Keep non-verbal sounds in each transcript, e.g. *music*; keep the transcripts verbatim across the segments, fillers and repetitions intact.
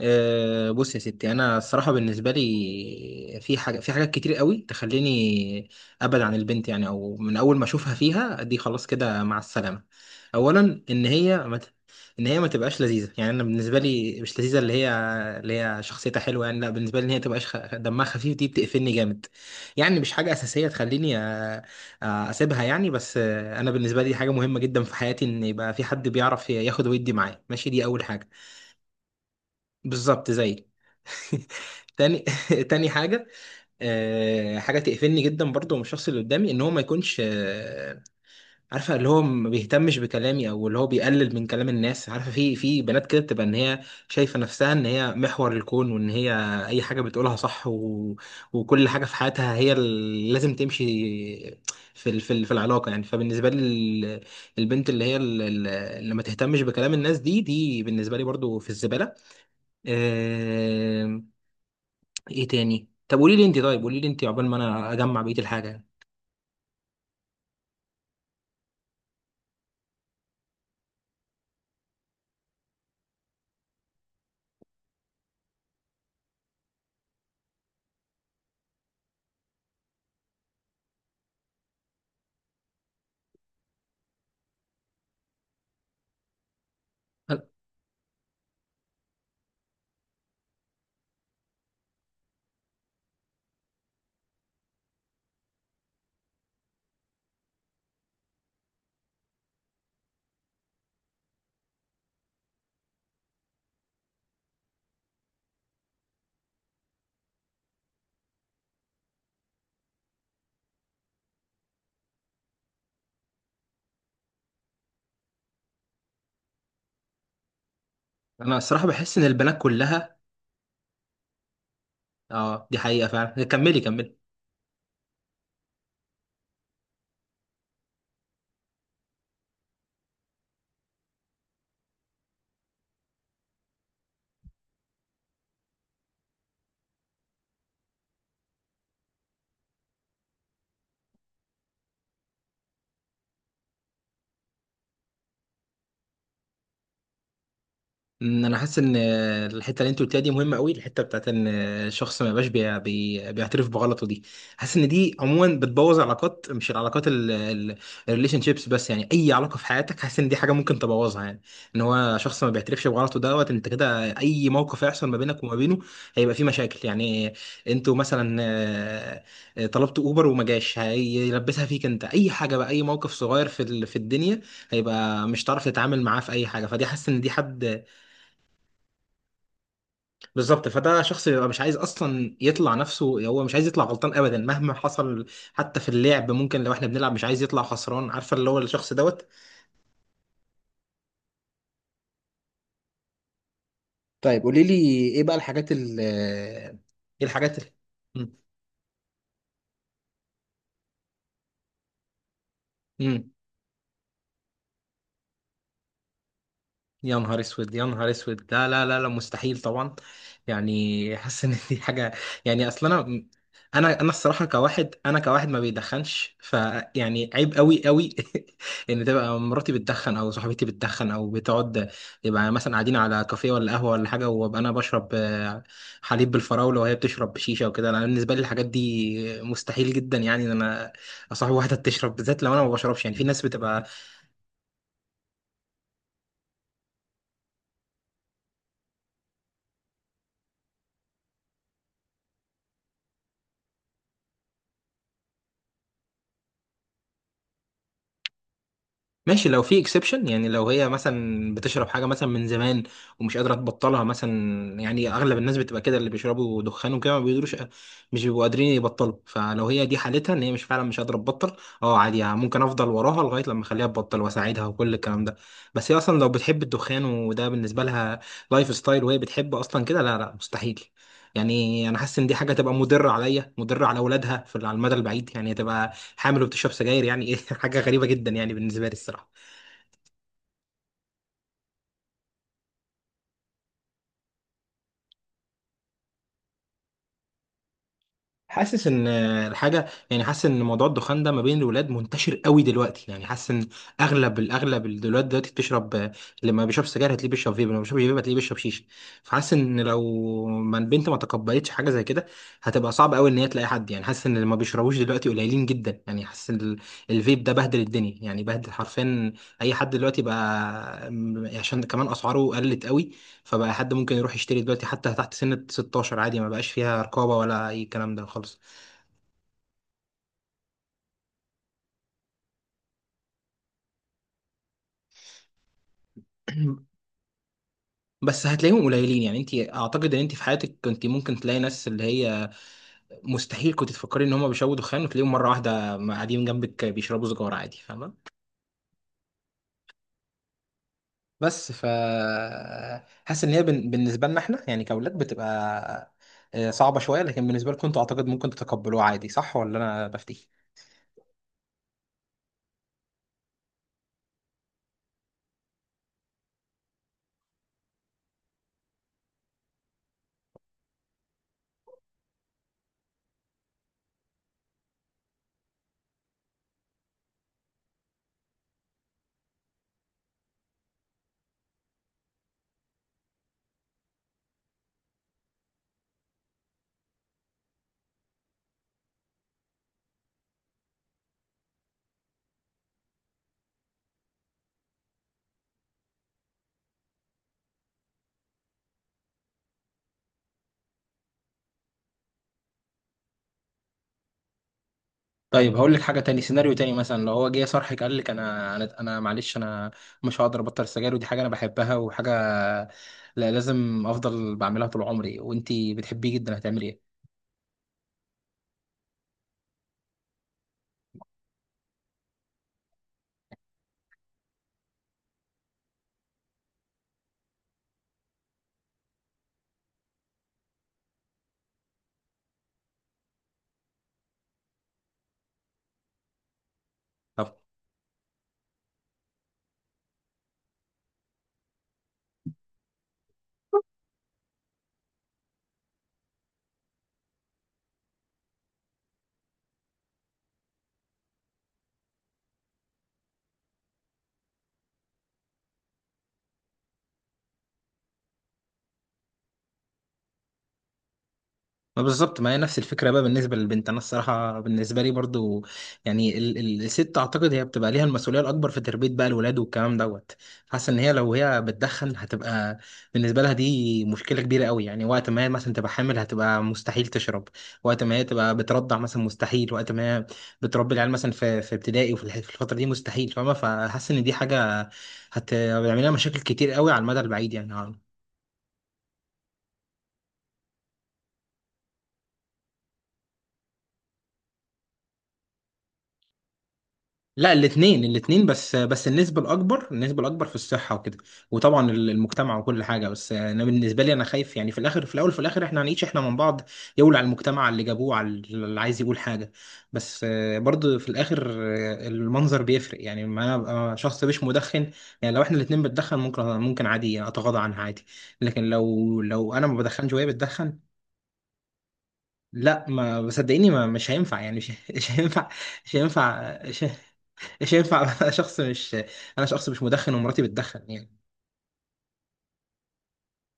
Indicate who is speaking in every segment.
Speaker 1: أه بص يا ستي انا الصراحه بالنسبه لي في حاجه في حاجات كتير قوي تخليني ابعد عن البنت يعني، او من اول ما اشوفها فيها دي خلاص كده مع السلامه. اولا ان هي ما ت- ان هي ما تبقاش لذيذه، يعني انا بالنسبه لي مش لذيذه. اللي هي اللي هي شخصيتها حلوه، يعني لا بالنسبه لي ان هي تبقاش خ... دمها خفيف دي بتقفلني جامد. يعني مش حاجه اساسيه تخليني أ... أ- اسيبها يعني. بس آه، انا بالنسبه لي حاجه مهمه جدا في حياتي، ان يبقى في حد بيعرف ياخد ويدي معايا، ماشي، دي اول حاجه. بالظبط زيك. تاني *laughs* تاني حاجة، آه، حاجة تقفلني جدا برضو من الشخص اللي قدامي، ان هو ما يكونش، آه، عارفة، اللي هو ما بيهتمش بكلامي، او اللي هو بيقلل من كلام الناس. عارفة، في في بنات كده بتبقى ان هي شايفة نفسها ان هي محور الكون، وان هي اي حاجة بتقولها صح و... وكل حاجة في حياتها هي اللي لازم تمشي في ال... في ال... في العلاقة يعني. فبالنسبة لي ال- البنت اللي هي ال- ال- اللي ما تهتمش بكلام الناس، دي دي بالنسبة لي برضو في الزبالة. آه، ايه تاني؟ طب قولي لي انت، طيب قولي لي انت عقبال ما انا اجمع بقيه الحاجه يعني. انا الصراحه بحس ان البنات كلها. اه، دي حقيقه فعلا، كملي كملي. أمم، انا حاسس ان الحته اللي انت قلتيها دي مهمه قوي، الحته بتاعت ان الشخص ما يبقاش بي- بي- بيعترف بغلطه دي. حاسس ان دي عموما بتبوظ علاقات، مش العلاقات الريليشن شيبس بس، يعني اي علاقه في حياتك حاسس ان دي حاجه ممكن تبوظها يعني. ان هو شخص ما بيعترفش بغلطه دوت انت كده، اي موقف هيحصل ما بينك وما بينه هيبقى فيه مشاكل يعني. انتوا مثلا آه، آه، طلبت اوبر وما جاش هيلبسها فيك انت، اي حاجه بقى، اي موقف صغير في ال- في الدنيا هيبقى، مش هتعرف تتعامل معاه في اي حاجه. فدي حاسس ان دي حد. بالظبط، فده شخص بيبقى مش عايز اصلا يطلع نفسه، هو مش عايز يطلع غلطان ابدا مهما حصل. حتى في اللعب ممكن لو احنا بنلعب مش عايز يطلع خسران، عارفه اللي هو الشخص دوت. طيب قولي لي ايه بقى الحاجات اللي، ايه الحاجات اللي. مم. مم. يا نهار اسود، يا نهار اسود، لا لا لا لا مستحيل طبعا. يعني حاسس ان دي حاجه، يعني اصلا انا انا انا الصراحه كواحد، انا كواحد ما بيدخنش، فيعني عيب قوي قوي. *laughs* ان تبقى مراتي بتدخن، او صاحبتي بتدخن، او بتقعد يبقى مثلا قاعدين على كافيه ولا قهوه ولا حاجه، وابقى انا بشرب آه، حليب بالفراوله وهي بتشرب بشيشه وكده. انا بالنسبه لي الحاجات دي مستحيل جدا، يعني ان انا اصاحب واحده بتشرب، بالذات لو انا ما بشربش. يعني في ناس بتبقى، ماشي لو في اكسبشن، يعني لو هي مثلا بتشرب حاجه مثلا من زمان ومش قادره تبطلها مثلا. يعني اغلب الناس بتبقى كده، اللي بيشربوا دخان وكده ما بيقدروش، مش بيبقوا قادرين يبطلوا. فلو هي دي حالتها ان هي مش، فعلا مش قادره تبطل، اه عادي يعني ممكن افضل وراها لغايه لما اخليها تبطل واساعدها وكل الكلام ده. بس هي اصلا لو بتحب الدخان وده بالنسبه لها لايف ستايل وهي بتحب اصلا كده، لا لا مستحيل. يعني انا حاسس ان دي حاجه تبقى مضره عليا، مضره على اولادها، في على المدى البعيد يعني تبقى حامل وبتشرب سجاير يعني ايه؟ *laughs* حاجه غريبه جدا يعني بالنسبه لي الصراحه. حاسس ان الحاجه، يعني حاسس ان موضوع الدخان ده ما بين الولاد منتشر قوي دلوقتي، يعني حاسس ان اغلب الاغلب الولاد دلوقتي بتشرب، لما بيشرب سجاير هتلاقيه بيشرب فيب، لما بيشرب فيب هتلاقيه بيشرب شيشه. فحاسس ان لو ما البنت ما تقبلتش حاجه زي كده هتبقى صعب قوي ان هي تلاقي حد، يعني حاسس ان اللي ما بيشربوش دلوقتي قليلين جدا. يعني حاسس ال- الفيب ده بهدل الدنيا، يعني بهدل حرفيا اي حد دلوقتي بقى، عشان كمان اسعاره قلت قوي. فبقى حد ممكن يروح يشتري دلوقتي حتى تحت سن ستاشر عادي، ما بقاش فيها رقابة ولا أي كلام ده خالص. *clears throat* بس هتلاقيهم قليلين يعني. انت اعتقد ان انت في حياتك كنت ممكن تلاقي ناس اللي هي مستحيل كنت تفكري ان هم بيشربوا دخان، وتلاقيهم مرة واحدة قاعدين جنبك بيشربوا سجارة عادي، فاهمة. بس ف حاسس ان هي بن- بالنسبة لنا احنا يعني كأولاد بتبقى آه، صعبة شوية، لكن بالنسبة لكم انتوا اعتقد ممكن تتقبلوها عادي، صح ولا انا بفتي؟ طيب هقول لك حاجه تاني، سيناريو تاني مثلا لو هو جه صرحك قال لك انا انا انا معلش انا مش هقدر ابطل السجاير، ودي حاجه انا بحبها وحاجه لا لازم افضل بعملها طول عمري، وانتي بتحبيه جدا، هتعملي ايه؟ ما بالظبط، ما هي نفس الفكره بقى بالنسبه للبنت. انا الصراحه بالنسبه لي برضو يعني ال ال الست اعتقد هي بتبقى ليها المسؤوليه الاكبر في تربيه بقى الولاد والكلام دوت. حاسه ان هي لو هي بتدخن هتبقى بالنسبه لها دي مشكله كبيره قوي، يعني وقت ما هي مثلا تبقى حامل هتبقى مستحيل تشرب، وقت ما هي تبقى بترضع مثلا مستحيل، وقت ما هي بتربي العيال مثلا في في ابتدائي وفي الح- في الفتره دي مستحيل، فاهمه؟ فحاسس ان دي حاجه هت- هتعمل لها مشاكل كتير قوي على المدى البعيد يعني. لا الاثنين، الاثنين بس، بس النسبة الأكبر، النسبة الأكبر في الصحة وكده، وطبعا ال- المجتمع وكل حاجة. بس أنا بالنسبة لي أنا خايف، يعني في الآخر، في الأول في الآخر إحنا هنعيش إحنا من بعض. يقول على المجتمع، على اللي جابوه، على اللي عايز يقول حاجة. بس آه، برضه في الآخر آه، المنظر بيفرق، يعني ما أنا أبقى شخص مش مدخن. يعني لو إحنا الاتنين بنتدخن ممكن، ممكن عادي أتغاضى عنها عادي، لكن لو لو أنا ما بدخنش وهي بتدخن، لا ما صدقيني ما مش هينفع يعني، مش *laughs* مش هينفع. مش هينفع مش مش هينفع. *laughs* انا شخص مش انا شخص مش مدخن ومراتي بتدخن يعني.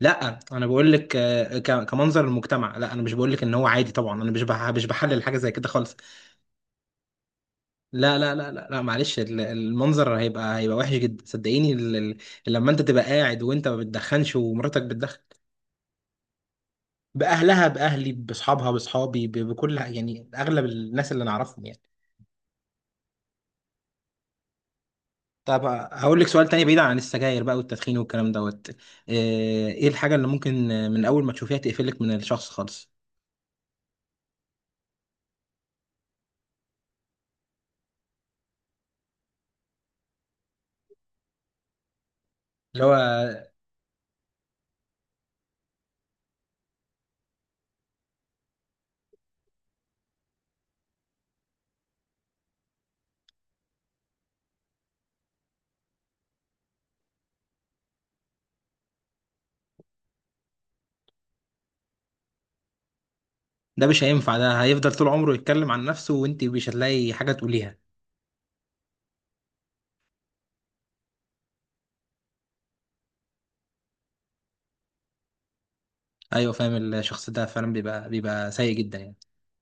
Speaker 1: لا انا بقول لك، آه، ك- كمنظر المجتمع، لا انا مش بقول لك ان هو عادي طبعا، انا مش بح- مش بحلل حاجه زي كده خالص. لا لا لا لا، لا معلش ال- المنظر هيبقى، هيبقى وحش جدا صدقيني. ال- ال- لما انت تبقى قاعد وانت ما بتدخنش ومراتك بتدخن. باهلها، باهلي، باصحابها، باصحابي، ب- بكل يعني اغلب الناس اللي نعرفهم يعني. طب هقول لك سؤال تاني بعيد عن السجاير بقى والتدخين والكلام دوت. آه، ايه الحاجة اللي ممكن من اول ما تشوفيها تقفلك من الشخص خالص؟ اللي هو ده مش هينفع، ده هيفضل طول عمره يتكلم عن نفسه وانت مش هتلاقي حاجة تقوليها. ايوه فاهم، الشخص ده فعلا بيبقى، بيبقى سيء جدا يعني.